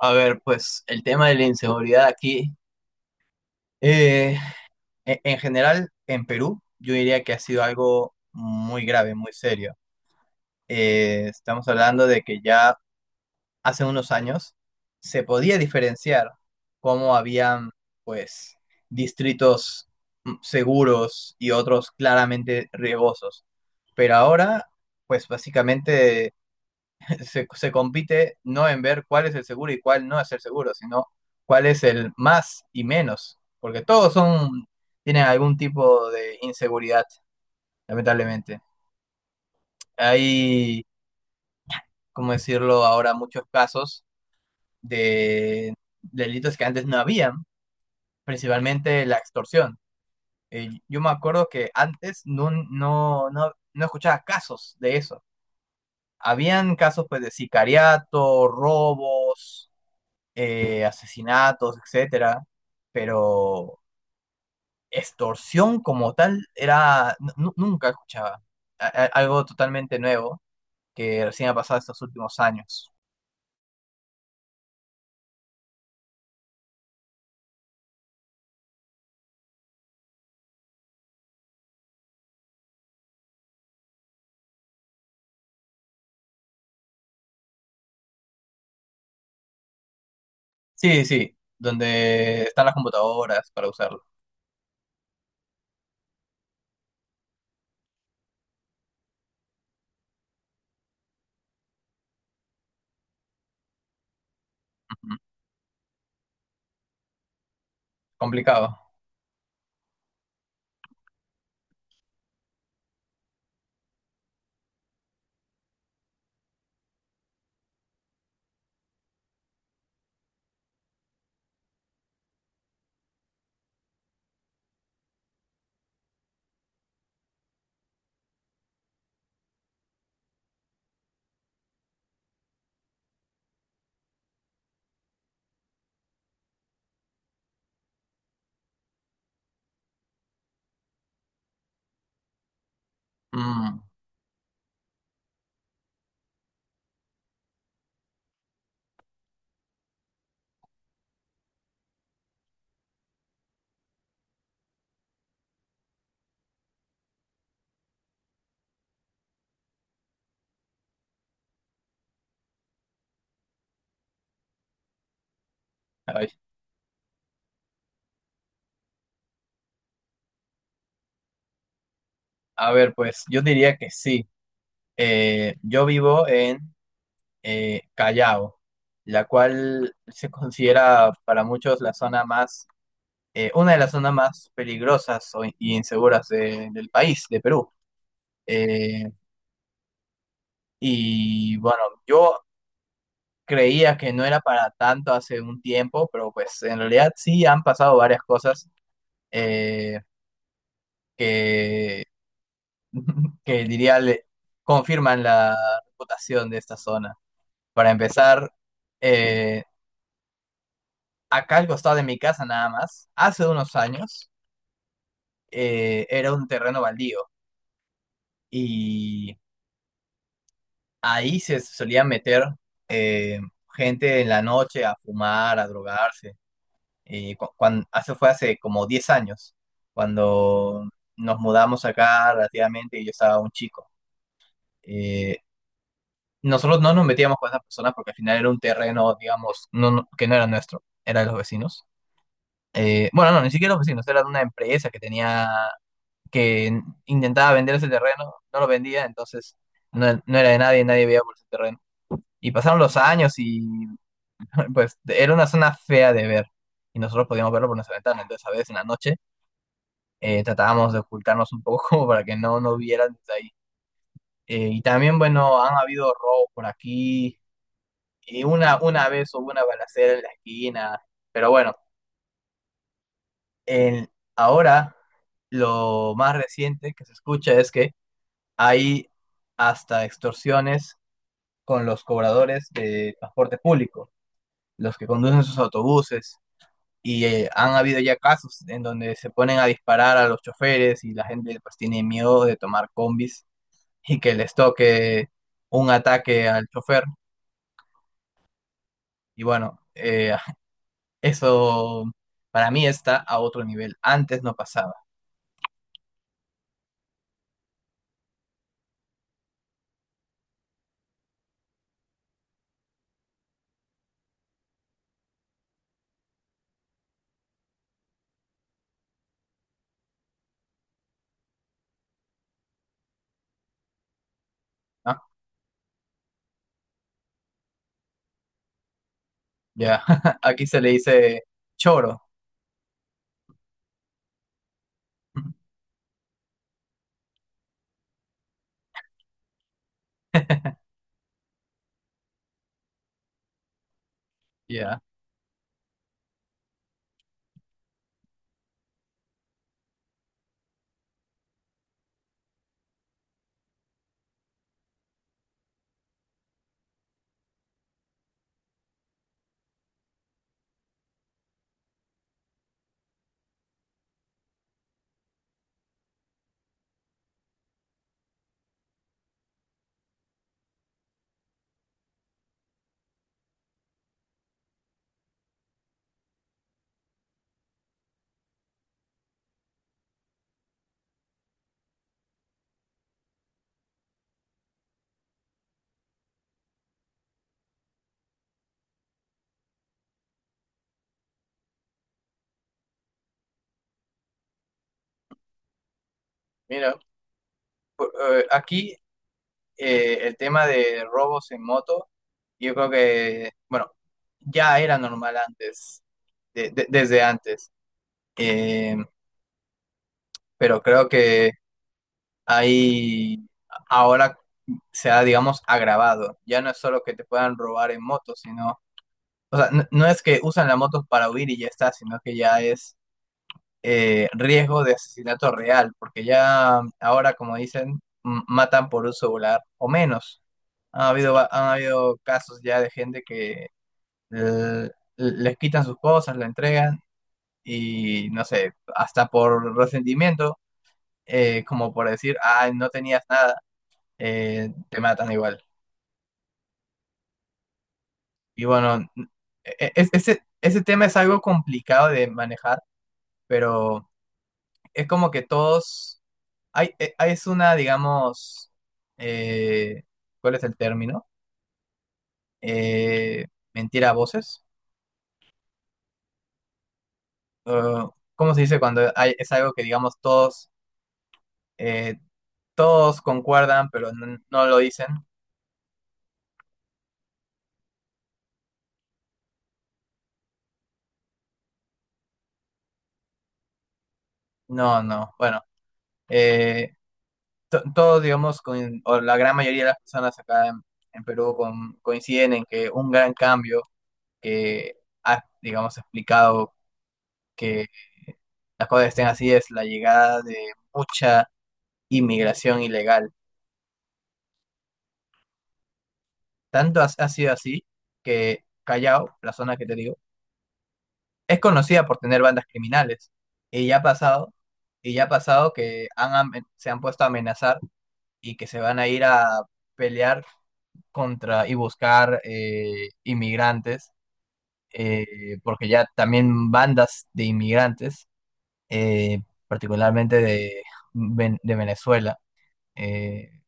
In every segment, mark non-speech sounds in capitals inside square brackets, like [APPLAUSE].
A ver, pues el tema de la inseguridad aquí, eh, en general en Perú, yo diría que ha sido algo muy grave, muy serio. Estamos hablando de que ya hace unos años se podía diferenciar cómo habían, pues, distritos seguros y otros claramente riesgosos. Pero ahora, pues básicamente se compite no en ver cuál es el seguro y cuál no es el seguro, sino cuál es el más y menos, porque todos son, tienen algún tipo de inseguridad, lamentablemente. Hay, cómo decirlo ahora, muchos casos de delitos que antes no habían, principalmente la extorsión. Yo me acuerdo que antes no escuchaba casos de eso. Habían casos pues de sicariato, robos, asesinatos, etcétera, pero extorsión como tal era nunca escuchaba. Algo totalmente nuevo que recién ha pasado estos últimos años. Sí, sí, donde están las computadoras para usarlo. Ujú. Complicado. Mm, ay. A ver, pues yo diría que sí. Yo vivo en Callao, la cual se considera para muchos la zona más una de las zonas más peligrosas o y inseguras del país, de Perú. Eh, y bueno, yo creía que no era para tanto hace un tiempo, pero pues en realidad sí han pasado varias cosas eh, que, [LAUGHS] que diría le confirman la reputación de esta zona. Para empezar, eh, acá al costado de mi casa nada más, hace unos años era un terreno baldío y ahí se solía meter eh, gente en la noche a fumar, a drogarse. Y cuando, eso fue hace como 10 años, cuando nos mudamos acá relativamente y yo estaba un chico. Eh, Nosotros no nos metíamos con esas personas porque al final era un terreno, digamos, que no era nuestro, era de los vecinos. Bueno, no, ni siquiera los vecinos, era de una empresa que tenía, que intentaba vender ese terreno, no lo vendía, entonces no, no era de nadie, nadie veía por ese terreno. Y pasaron los años y [LAUGHS] pues era una zona fea de ver y nosotros podíamos verlo por nuestra ventana. Entonces, a veces en la noche tratábamos de ocultarnos un poco [LAUGHS] como para que no nos vieran desde ahí. Y también, bueno, han habido robos por aquí. Y una vez hubo una balacera en la esquina. Pero bueno, en- ahora lo más reciente que se escucha es que hay hasta extorsiones con los cobradores de transporte público, los que conducen sus autobuses. Y han habido ya casos en donde se ponen a disparar a los choferes y la gente pues tiene miedo de tomar combis y que les toque un ataque al chofer. Y bueno, [LAUGHS] eso para mí está a otro nivel. Antes no pasaba, ¿no? Ya, [LAUGHS] aquí se le dice choro. [LAUGHS] Ya, mira, por- aquí el tema de robos en moto, yo creo que, bueno, ya era normal antes, desde antes. Eh, pero creo que ahí ahora se ha, digamos, agravado. Ya no es solo que te puedan robar en moto, sino, o sea, no, es que usan la moto para huir y ya está, sino que ya es riesgo de asesinato real, porque ya ahora, como dicen, matan por un celular o menos. Ha habido, han habido casos ya de gente que eh, les quitan sus cosas, la entregan y, no sé, hasta por resentimiento como por decir, ah, no tenías nada, te matan igual. Y bueno, ese tema es algo complicado de manejar, pero es como que todos, hay, es una, digamos, eh, ¿cuál es el término? Eh, Mentira a voces. Uh, ¿Cómo se dice cuando hay, es algo que, digamos, todos, eh, todos concuerdan, pero no, lo dicen? No, no, bueno. eh, Todos, digamos, o la gran mayoría de las personas acá en Perú coinciden en que un gran cambio que ha, digamos, explicado que las cosas estén así es la llegada de mucha inmigración ilegal. Tanto ha sido así que Callao, la zona que te digo, es conocida por tener bandas criminales. Y ya ha pasado, y ya ha pasado que se han puesto a amenazar y que se van a ir a pelear contra y buscar inmigrantes porque ya también bandas de inmigrantes, eh, particularmente de, de Venezuela, eh,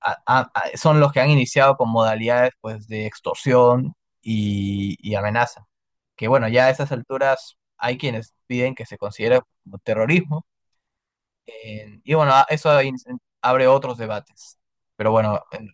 son los que han iniciado con modalidades pues, de extorsión y amenaza. Que bueno, ya a esas alturas hay quienes piden que se considere como terrorismo, y bueno, eso ahí abre otros debates. Pero bueno,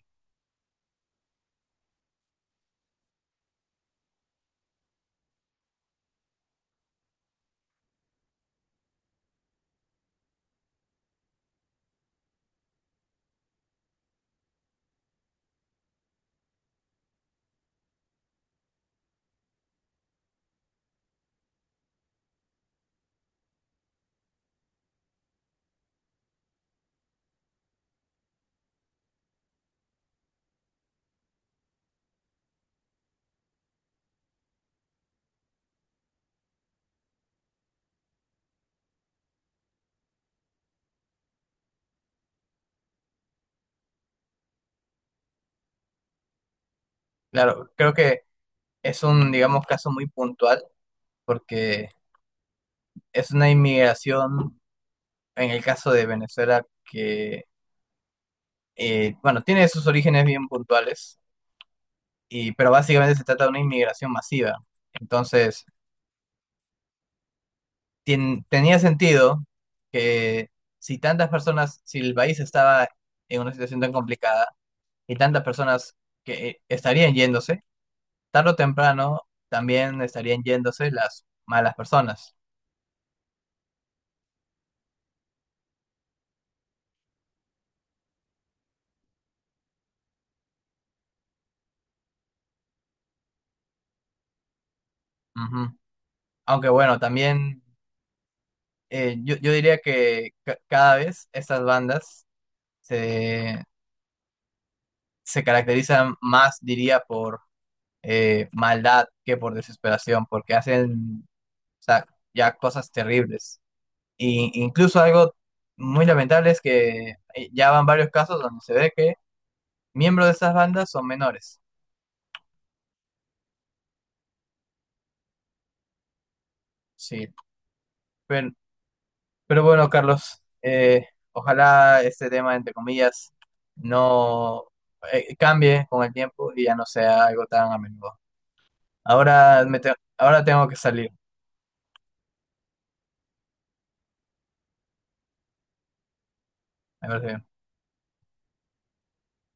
claro, creo que es un, digamos, caso muy puntual, porque es una inmigración en el caso de Venezuela, que, bueno, tiene sus orígenes bien puntuales, y, pero básicamente se trata de una inmigración masiva. Entonces, tenía sentido que si tantas personas, si el país estaba en una situación tan complicada y tantas personas que estarían yéndose, tarde o temprano también estarían yéndose las malas personas. Ujú. Aunque bueno, también yo diría que cada vez estas bandas se, se caracterizan más, diría, por maldad que por desesperación, porque hacen o sea, ya cosas terribles. Y incluso algo muy lamentable es que ya van varios casos donde se ve que miembros de esas bandas son menores. Sí, pero, pero bueno, Carlos, ojalá este tema, entre comillas, no cambie con el tiempo y ya no sea algo tan a menudo. Ahora, ahora tengo que salir. Me parece bien.